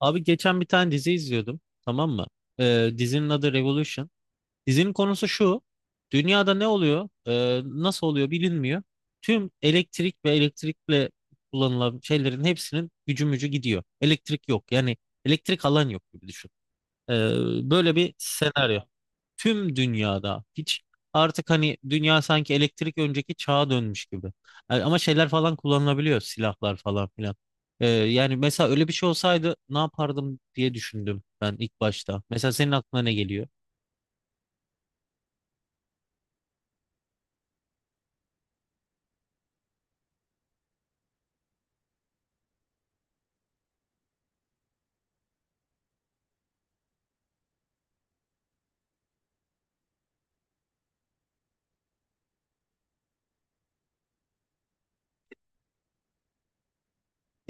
Abi geçen bir tane dizi izliyordum. Tamam mı? Dizinin adı Revolution. Dizinin konusu şu. Dünyada ne oluyor? Nasıl oluyor bilinmiyor. Tüm elektrik ve elektrikle kullanılan şeylerin hepsinin gücü mücü gidiyor. Elektrik yok. Yani elektrik alan yok gibi düşün. Ee, Böyle bir senaryo tüm dünyada hiç, artık hani dünya sanki elektrik önceki çağa dönmüş gibi. Yani ama şeyler falan kullanılabiliyor, silahlar falan filan. Yani mesela öyle bir şey olsaydı ne yapardım diye düşündüm ben ilk başta. Mesela senin aklına ne geliyor?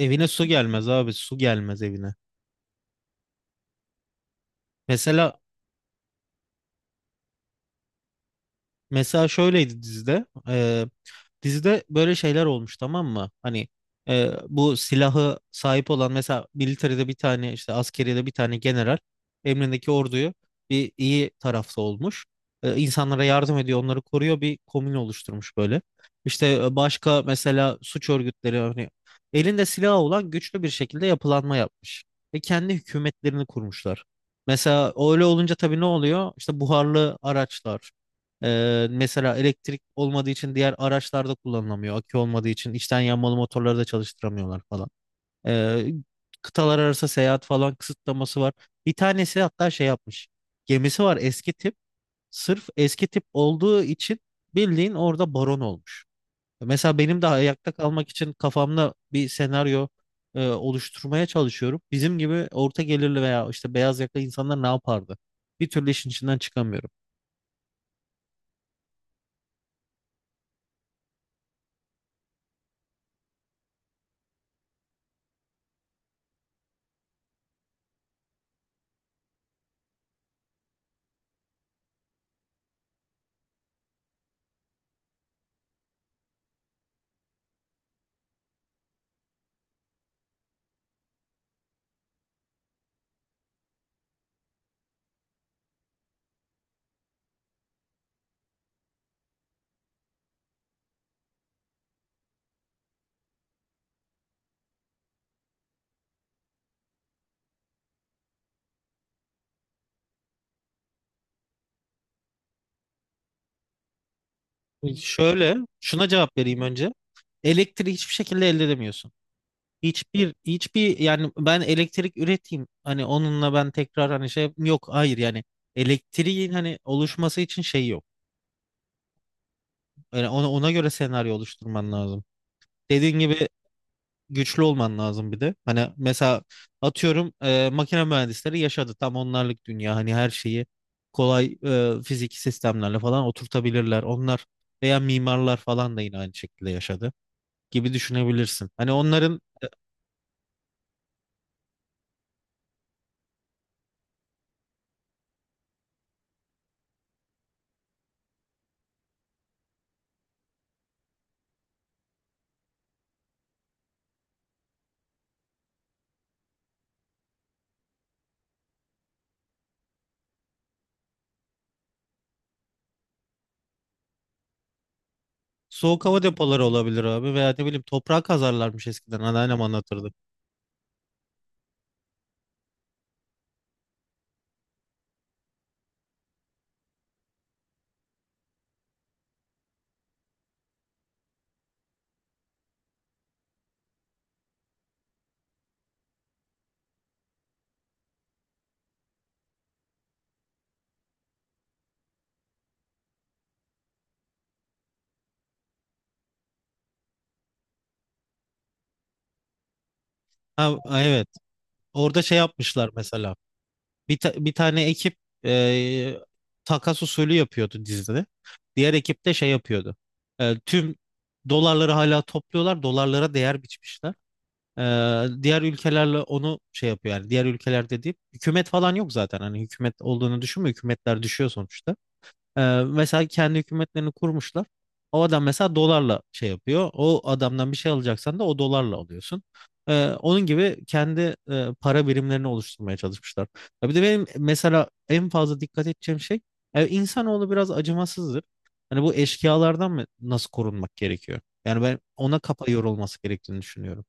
Evine su gelmez abi, su gelmez evine. Mesela mesela şöyleydi dizide. Dizide böyle şeyler olmuş, tamam mı? Hani bu silahı sahip olan, mesela militeride bir tane, işte askeriyede bir tane general emrindeki orduyu, bir iyi tarafta olmuş. İnsanlara yardım ediyor, onları koruyor, bir komün oluşturmuş böyle. İşte başka mesela suç örgütleri, hani elinde silahı olan güçlü bir şekilde yapılanma yapmış ve kendi hükümetlerini kurmuşlar. Mesela öyle olunca tabii ne oluyor? İşte buharlı araçlar, mesela elektrik olmadığı için diğer araçlarda kullanılamıyor. Akü olmadığı için içten yanmalı motorları da çalıştıramıyorlar falan. Ee, Kıtalar arası seyahat falan kısıtlaması var. Bir tanesi hatta şey yapmış. Gemisi var, eski tip. Sırf eski tip olduğu için bildiğin orada baron olmuş. Mesela benim de ayakta kalmak için kafamda bir senaryo oluşturmaya çalışıyorum. Bizim gibi orta gelirli veya işte beyaz yakalı insanlar ne yapardı? Bir türlü işin içinden çıkamıyorum. Şöyle, şuna cevap vereyim önce. Elektriği hiçbir şekilde elde edemiyorsun. Hiçbir yani, ben elektrik üreteyim, hani onunla ben tekrar, hani şey yok. Hayır, yani elektriğin hani oluşması için şey yok. Yani ona göre senaryo oluşturman lazım. Dediğin gibi güçlü olman lazım bir de. Hani mesela atıyorum makine mühendisleri yaşadı. Tam onlarlık dünya. Hani her şeyi kolay fiziki sistemlerle falan oturtabilirler. Onlar veya mimarlar falan da yine aynı şekilde yaşadı gibi düşünebilirsin. Hani onların soğuk hava depoları olabilir abi, veya ne bileyim toprağa kazarlarmış eskiden, anneannem anlatırdı. Ha, evet, orada şey yapmışlar mesela. Bir tane ekip e, takas usulü yapıyordu dizide. Diğer ekip de şey yapıyordu. Tüm dolarları hala topluyorlar, dolarlara değer biçmişler. E, Diğer ülkelerle onu şey yapıyor. Yani diğer ülkeler dediğim, hükümet falan yok zaten, hani hükümet olduğunu düşünme, hükümetler düşüyor sonuçta. Ee, Mesela kendi hükümetlerini kurmuşlar. O adam mesela dolarla şey yapıyor. O adamdan bir şey alacaksan da o dolarla alıyorsun. Onun gibi kendi para birimlerini oluşturmaya çalışmışlar. Ya bir de benim mesela en fazla dikkat edeceğim şey, yani insanoğlu biraz acımasızdır. Hani bu eşkıyalardan mı, nasıl korunmak gerekiyor? Yani ben ona kafa yorulması gerektiğini düşünüyorum.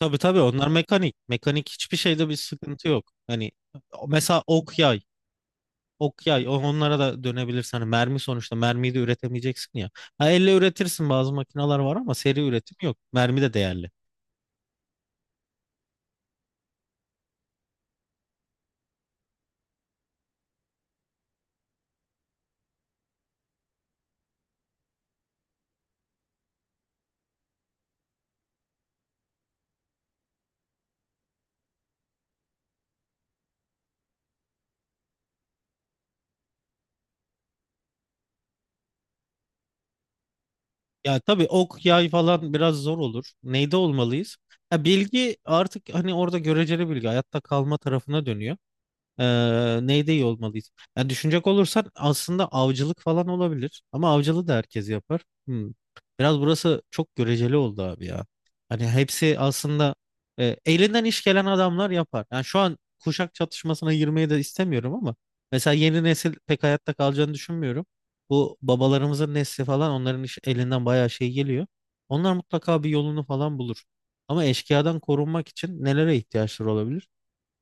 Tabii tabii, onlar mekanik. Mekanik hiçbir şeyde bir sıkıntı yok. Hani mesela ok yay. Ok yay, onlara da dönebilirsin. Hani mermi, sonuçta mermiyi de üretemeyeceksin ya. Ha, elle üretirsin, bazı makineler var, ama seri üretim yok. Mermi de değerli. Ya tabii ok yay falan biraz zor olur. Neyde olmalıyız? Ya bilgi, artık hani orada göreceli bilgi hayatta kalma tarafına dönüyor. Neyde iyi olmalıyız? Yani düşünecek olursan aslında avcılık falan olabilir. Ama avcılığı da herkes yapar. Hmm. Biraz burası çok göreceli oldu abi ya. Hani hepsi aslında elinden iş gelen adamlar yapar. Yani şu an kuşak çatışmasına girmeyi de istemiyorum, ama mesela yeni nesil pek hayatta kalacağını düşünmüyorum. Bu babalarımızın nesli falan, onların iş, elinden bayağı şey geliyor. Onlar mutlaka bir yolunu falan bulur. Ama eşkıyadan korunmak için nelere ihtiyaçları olabilir?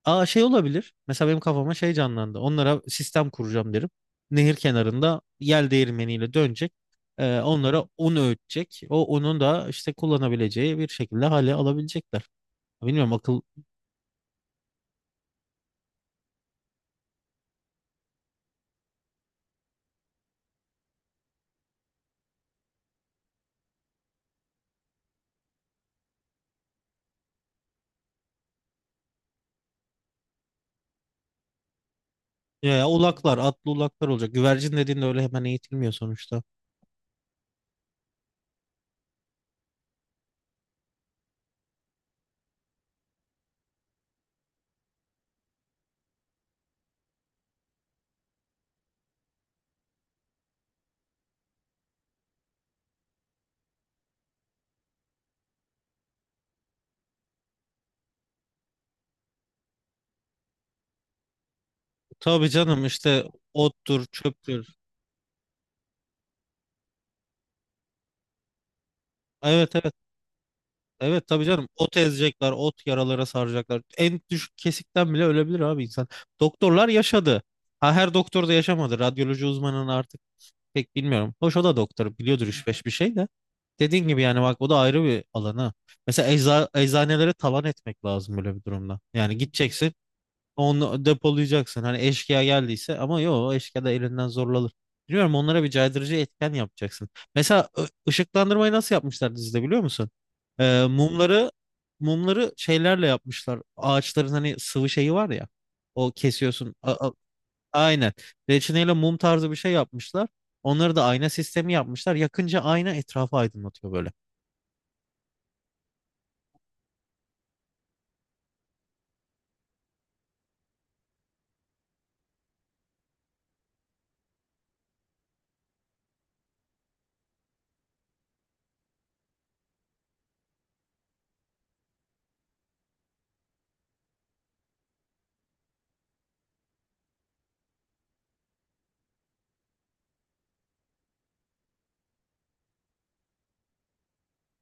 Aa, şey olabilir. Mesela benim kafama şey canlandı. Onlara sistem kuracağım derim. Nehir kenarında yel değirmeniyle dönecek. Onlara un öğütecek. O unun da işte kullanabileceği bir şekilde hale alabilecekler. Bilmiyorum, akıl ya, ya ulaklar, atlı ulaklar olacak. Güvercin dediğin de öyle hemen eğitilmiyor sonuçta. Tabii canım, işte ottur, çöptür. Evet, evet. Evet, tabii canım. Ot ezecekler, ot yaralara saracaklar. En düşük kesikten bile ölebilir abi insan. Doktorlar yaşadı. Ha, her doktor da yaşamadı. Radyoloji uzmanını artık pek bilmiyorum. Hoş, o da doktor, biliyordur üç beş bir şey de. Dediğin gibi, yani bak, o da ayrı bir alanı. Mesela eczanelere talan etmek lazım böyle bir durumda. Yani gideceksin, onu depolayacaksın. Hani eşkıya geldiyse ama, yok eşkıya da elinden zorlanır. Biliyorum, onlara bir caydırıcı etken yapacaksın. Mesela ışıklandırmayı nasıl yapmışlar dizide biliyor musun? Ee, mumları mumları şeylerle yapmışlar. Ağaçların hani sıvı şeyi var ya. O kesiyorsun. Aynen. Reçineyle mum tarzı bir şey yapmışlar. Onları da ayna sistemi yapmışlar. Yakınca ayna etrafı aydınlatıyor böyle.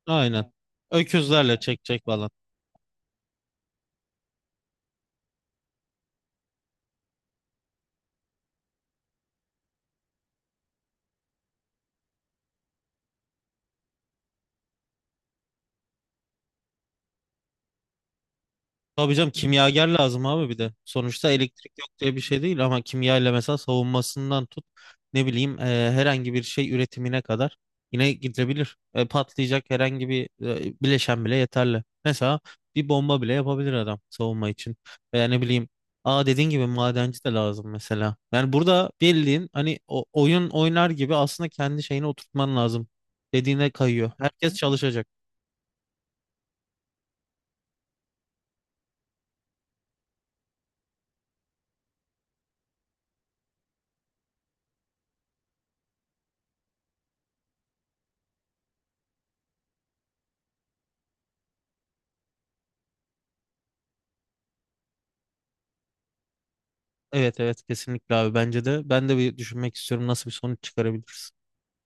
Aynen. Öküzlerle çekecek falan. Tabii canım, kimyager lazım abi bir de. Sonuçta elektrik yok diye bir şey değil, ama kimya ile mesela savunmasından tut, ne bileyim herhangi bir şey üretimine kadar yine gidebilir. Patlayacak herhangi bir bileşen bile yeterli. Mesela bir bomba bile yapabilir adam, savunma için. Veya ne bileyim, aa, dediğin gibi madenci de lazım mesela. Yani burada bildiğin hani, oyun oynar gibi aslında kendi şeyini oturtman lazım. Dediğine kayıyor. Herkes çalışacak. Evet, evet, kesinlikle abi, bence de. Ben de bir düşünmek istiyorum, nasıl bir sonuç çıkarabiliriz.